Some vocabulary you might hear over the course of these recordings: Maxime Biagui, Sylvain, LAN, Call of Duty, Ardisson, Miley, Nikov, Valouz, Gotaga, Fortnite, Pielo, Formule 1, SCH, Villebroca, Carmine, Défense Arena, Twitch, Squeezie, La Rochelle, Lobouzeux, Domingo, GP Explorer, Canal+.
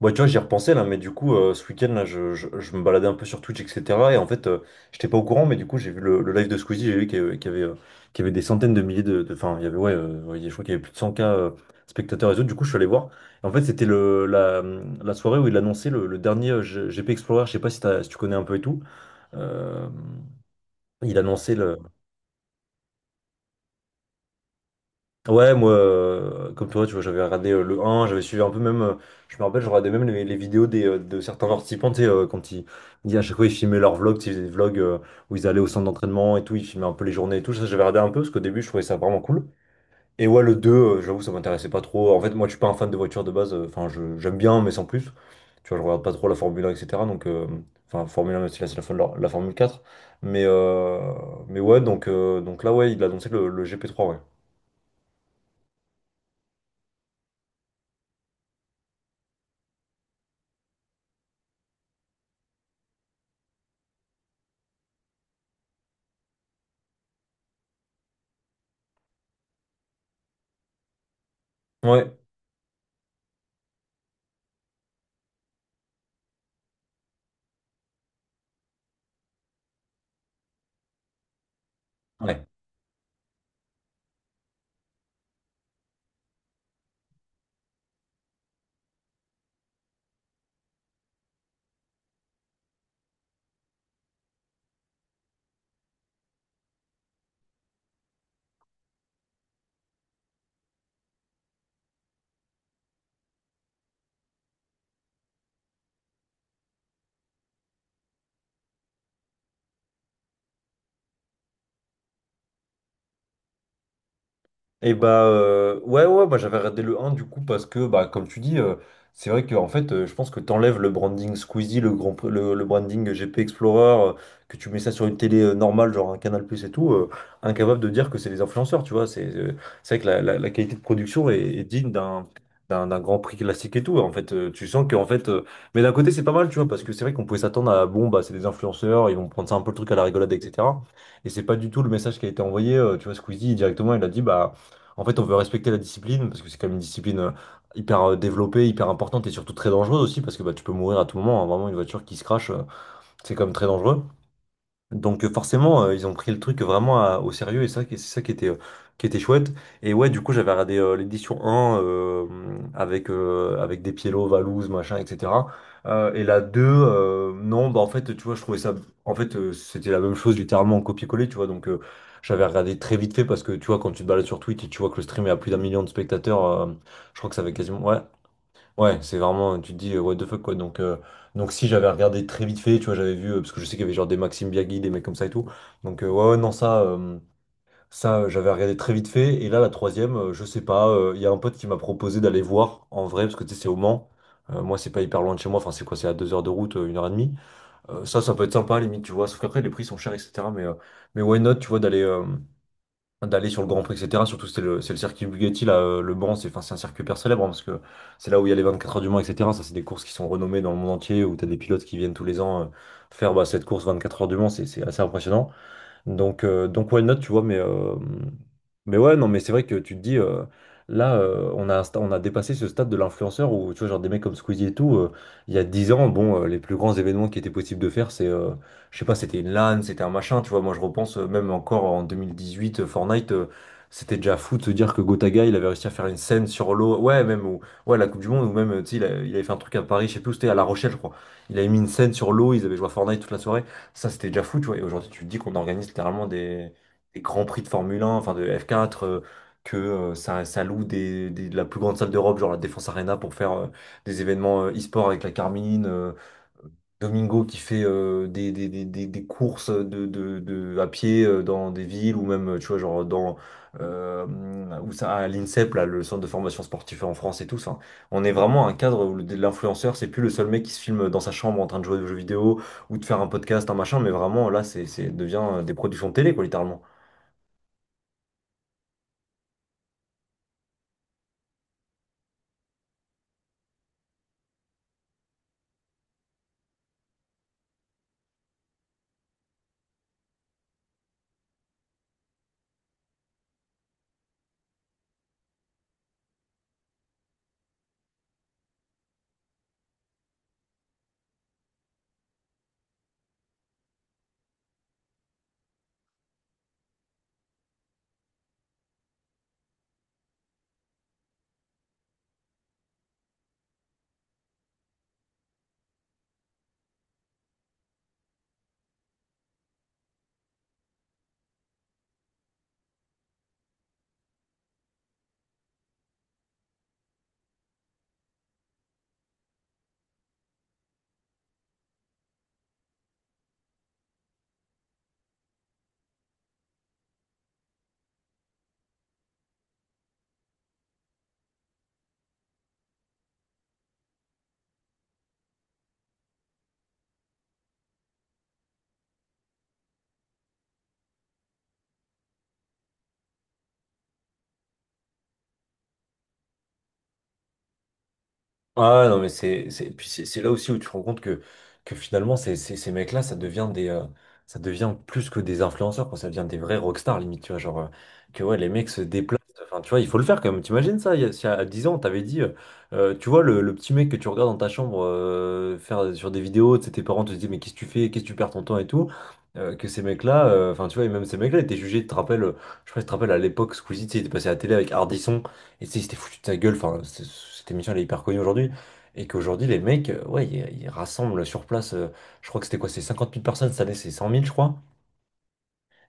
Ouais, tu vois, j'y repensais là, mais du coup, ce week-end, là, je me baladais un peu sur Twitch, etc. Et en fait, j'étais pas au courant, mais du coup, j'ai vu le live de Squeezie, j'ai vu qu'il y avait des centaines de milliers Enfin, il y avait, ouais, je crois qu'il y avait plus de 100k spectateurs et autres. Du coup, je suis allé voir. Et en fait, c'était la soirée où il annonçait le dernier GP Explorer. Je sais pas si tu connais un peu et tout. Euh, il annonçait. Ouais, moi, comme toi, tu vois, j'avais regardé le un, j'avais suivi un peu même, je me rappelle, je regardais même les vidéos de certains participants, tu sais, quand à chaque fois, ils filmaient leurs vlogs, tu sais, ils faisaient des vlogs où ils allaient au centre d'entraînement et tout, ils filmaient un peu les journées et tout, ça, j'avais regardé un peu, parce qu'au début, je trouvais ça vraiment cool. Et ouais, le deux, j'avoue, ça m'intéressait pas trop. En fait, moi, je suis pas un fan de voitures de base, enfin, j'aime bien, mais sans plus. Tu vois, je regarde pas trop la Formule 1, etc. Donc, enfin, Formule 1, même si là, c'est fin de la Formule quatre. Mais, euh, mais ouais, donc là, ouais, il a annoncé le gp trois, ouais. Ouais. Ouais. Et bah, ouais, ouais, moi j'avais regardé le un du coup, parce que bah, comme tu dis, c'est vrai que en fait, je pense que t'enlèves le branding Squeezie, le grand, le branding GP Explorer, que tu mets ça sur une télé normale, genre un Canal+ Plus et tout, incapable de dire que c'est des influenceurs, tu vois, c'est, c'est vrai que la qualité de production est, est digne d'un Grand Prix classique et tout, en fait, tu sens que en fait, mais d'un côté c'est pas mal, tu vois, parce que c'est vrai qu'on pouvait s'attendre à bon, bah c'est des influenceurs, ils vont prendre ça un peu, le truc à la rigolade, etc. Et c'est pas du tout le message qui a été envoyé, tu vois, Squeezie directement il a dit bah, en fait, on veut respecter la discipline parce que c'est quand même une discipline hyper développée, hyper importante et surtout très dangereuse aussi, parce que bah, tu peux mourir à tout moment, hein. Vraiment, une voiture qui se crache, c'est quand même très dangereux. Donc forcément, ils ont pris le truc vraiment au sérieux et ça, c'est ça qui était chouette. Et ouais, du coup, j'avais regardé l'édition 1, avec des Pielo, Valouz, machin, etc. Et la 2, non, bah en fait, tu vois, je trouvais ça... En fait, c'était la même chose, littéralement, en copier-coller, tu vois. Donc j'avais regardé très vite fait, parce que, tu vois, quand tu te balades sur Twitch et tu vois que le stream est à plus d'un million de spectateurs, je crois que ça avait quasiment... Ouais. Ouais, c'est vraiment, tu te dis, what the fuck, quoi. Donc si j'avais regardé très vite fait, tu vois, j'avais vu, parce que je sais qu'il y avait genre des Maxime Biagui, des mecs comme ça et tout. Donc, ouais, ouais, non, j'avais regardé très vite fait. Et là, la troisième, je sais pas, il y a un pote qui m'a proposé d'aller voir en vrai, parce que tu sais, c'est au Mans. Moi, c'est pas hyper loin de chez moi, enfin, c'est quoi, c'est à 2 heures de route, 1 heure et demie. Ça, peut être sympa, limite, tu vois. Sauf qu'après, les prix sont chers, etc. Mais why not, tu vois, d'aller sur le Grand Prix, etc. Surtout, c'est le circuit Bugatti, là, le Mans, c'est un circuit hyper célèbre, hein, parce que c'est là où il y a les 24 heures du Mans, etc. Ça, c'est des courses qui sont renommées dans le monde entier, où tu as des pilotes qui viennent tous les ans, faire bah, cette course 24 heures du Mans, c'est assez impressionnant. Donc why not, tu vois, mais ouais, non, mais c'est vrai que tu te dis, là, on a, on a dépassé ce stade de l'influenceur où, tu vois, genre des mecs comme Squeezie et tout, il y a 10 ans, bon, les plus grands événements qui étaient possibles de faire, c'est, je sais pas, c'était une LAN, c'était un machin, tu vois, moi je repense, même encore en 2018, Fortnite, c'était déjà fou de se dire que Gotaga, il avait réussi à faire une scène sur l'eau, ouais, même, ou, ouais, la Coupe du Monde, ou même, tu sais, il avait fait un truc à Paris, je sais plus où c'était, à La Rochelle, je crois, il avait mis une scène sur l'eau, ils avaient joué à Fortnite toute la soirée. Ça, c'était déjà fou, tu vois. Et aujourd'hui, tu te dis qu'on organise littéralement des grands prix de Formule 1, enfin de F4, que, ça, ça loue de la plus grande salle d'Europe, genre la Défense Arena, pour faire des événements e-sport avec la Carmine, Domingo qui fait des courses à pied dans des villes ou même, tu vois, genre dans euh, où ça, à l'INSEP, là, le centre de formation sportive en France et tout ça, hein. On est vraiment à un cadre où l'influenceur, c'est plus le seul mec qui se filme dans sa chambre en train de jouer aux jeux vidéo ou de faire un podcast, un machin, mais vraiment là, c'est devient, des productions de télé, quoi, littéralement. Ah non mais c'est puis c'est là aussi où tu te rends compte que finalement ces mecs-là, ça devient des, ça devient plus que des influenceurs, quoi, ça devient des vrais rockstars, limite, tu vois, genre, que ouais, les mecs se déplacent, enfin tu vois, il faut le faire quand même, t'imagines ça, il y a, si à 10 ans on t'avait dit, tu vois, le petit mec que tu regardes dans ta chambre, faire sur des vidéos, tu sais, tes parents te disaient mais qu'est-ce que tu fais, qu'est-ce que tu perds ton temps et tout, que ces mecs-là, enfin tu vois, et même ces mecs-là étaient jugés, tu te rappelles, je sais pas si tu te rappelles, à l'époque Squeezie, tu sais, il était passé à la télé avec Ardisson et tu sais, il s'était foutu de sa gueule. Enfin, cette émission, elle est hyper connue aujourd'hui. Et qu'aujourd'hui, les mecs, ouais, ils rassemblent sur place, je crois que c'était quoi, c'est 50 000 personnes, cette année, c'est 100 000, je crois,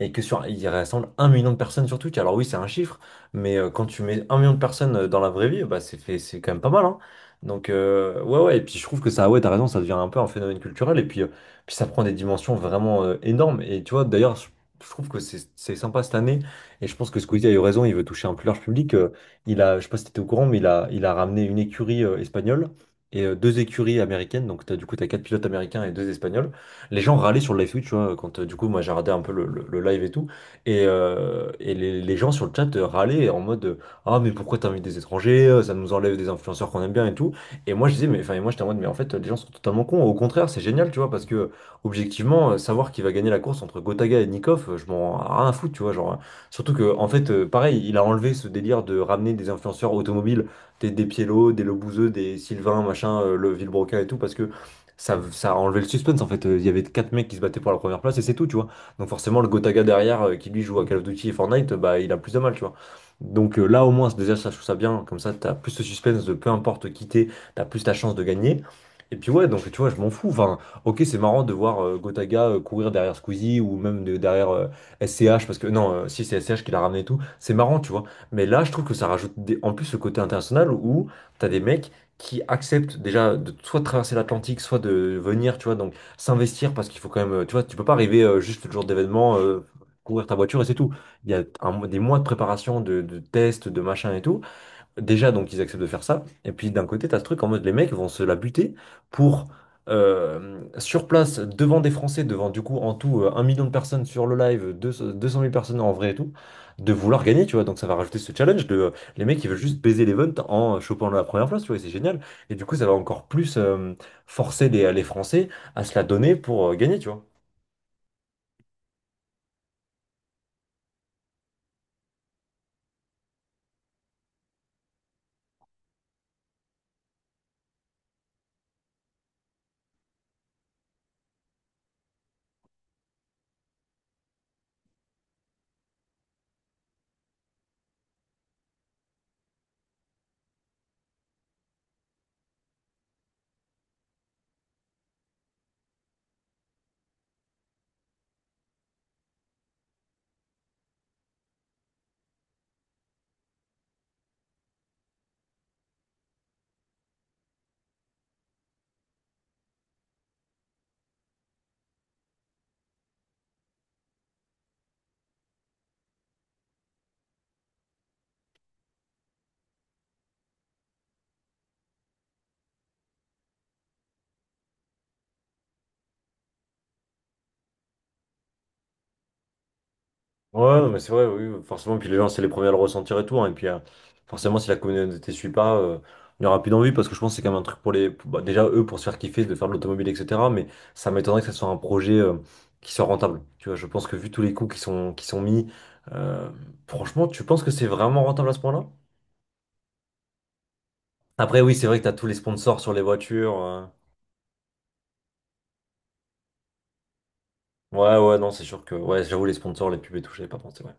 et que sur, il rassemble un million de personnes sur Twitch. Alors oui, c'est un chiffre, mais quand tu mets un million de personnes dans la vraie vie, bah c'est fait, c'est quand même pas mal, hein. Donc ouais, ouais. Et puis je trouve que ça, ouais, t'as raison, ça devient un peu un phénomène culturel. Et puis, puis ça prend des dimensions vraiment énormes. Et tu vois, d'ailleurs, je trouve que c'est sympa cette année. Et je pense que Squeezie a eu raison. Il veut toucher un plus large public. Il a, je sais pas si t'étais au courant, mais il a ramené une écurie espagnole. Et deux écuries américaines, donc t'as, du coup, t'as quatre pilotes américains et deux espagnols. Les gens râlaient sur le live Twitch, tu vois, quand, du coup, moi j'ai regardé un peu le live et tout, et les gens sur le chat râlaient en mode, ah, mais pourquoi t'invites des étrangers? Ça nous enlève des influenceurs qu'on aime bien et tout. Et moi je disais, mais enfin, et moi j'étais en mode, mais en fait, les gens sont totalement cons. Au contraire, c'est génial, tu vois, parce que objectivement, savoir qui va gagner la course entre Gotaga et Nikov, je m'en rien à foutre, tu vois, genre. Surtout que, en fait, pareil, il a enlevé ce délire de ramener des influenceurs automobiles, des Pielo, des Lobouzeux, des Sylvain, machin, le Villebroca et tout, parce que ça a enlevé le suspense en fait. Il y avait quatre mecs qui se battaient pour la première place et c'est tout, tu vois. Donc forcément, le Gotaga derrière, qui lui joue à Call of Duty et Fortnite, bah il a plus de mal, tu vois. Donc là, au moins, déjà, ça, je trouve ça bien. Comme ça, t'as plus de suspense, de peu importe qui t'es, t'as plus ta chance de gagner. Et puis ouais, donc tu vois, je m'en fous. Enfin, ok, c'est marrant de voir Gotaga courir derrière Squeezie ou même derrière, SCH, parce que non, si c'est SCH qui l'a ramené et tout, c'est marrant, tu vois. Mais là, je trouve que ça rajoute en plus ce côté international où t'as des mecs qui acceptent déjà, de soit de traverser l'Atlantique, soit de venir, tu vois, donc s'investir parce qu'il faut quand même, tu vois, tu peux pas arriver juste le jour d'événement, courir ta voiture et c'est tout. Il y a des mois de préparation, de tests, de machin et tout. Déjà, donc, ils acceptent de faire ça. Et puis, d'un côté, t'as ce truc en mode les mecs vont se la buter pour, sur place, devant des Français, devant, du coup, en tout, un million de personnes sur le live, 200 000 personnes en vrai et tout, de vouloir gagner, tu vois. Donc, ça va rajouter ce challenge de, les mecs ils veulent juste baiser l'event en chopant la première place, tu vois, et c'est génial. Et du coup, ça va encore plus, forcer les Français à se la donner pour gagner, tu vois. Ouais, non, mais c'est vrai, oui, forcément. Puis les gens, c'est les premiers à le ressentir et tout, hein. Et puis, forcément, si la communauté suit pas, il n'y aura plus d'envie parce que je pense que c'est quand même un truc pour les, déjà, eux, pour se faire kiffer, de faire de l'automobile, etc. Mais ça m'étonnerait que ce soit un projet, qui soit rentable. Tu vois, je pense que vu tous les coûts qui sont mis, euh, franchement, tu penses que c'est vraiment rentable à ce point-là? Après, oui, c'est vrai que tu as tous les sponsors sur les voitures. Ouais, ouais, non, c'est sûr que. Ouais, j'avoue, les sponsors, les pubs et tout, j'avais pas pensé, ouais.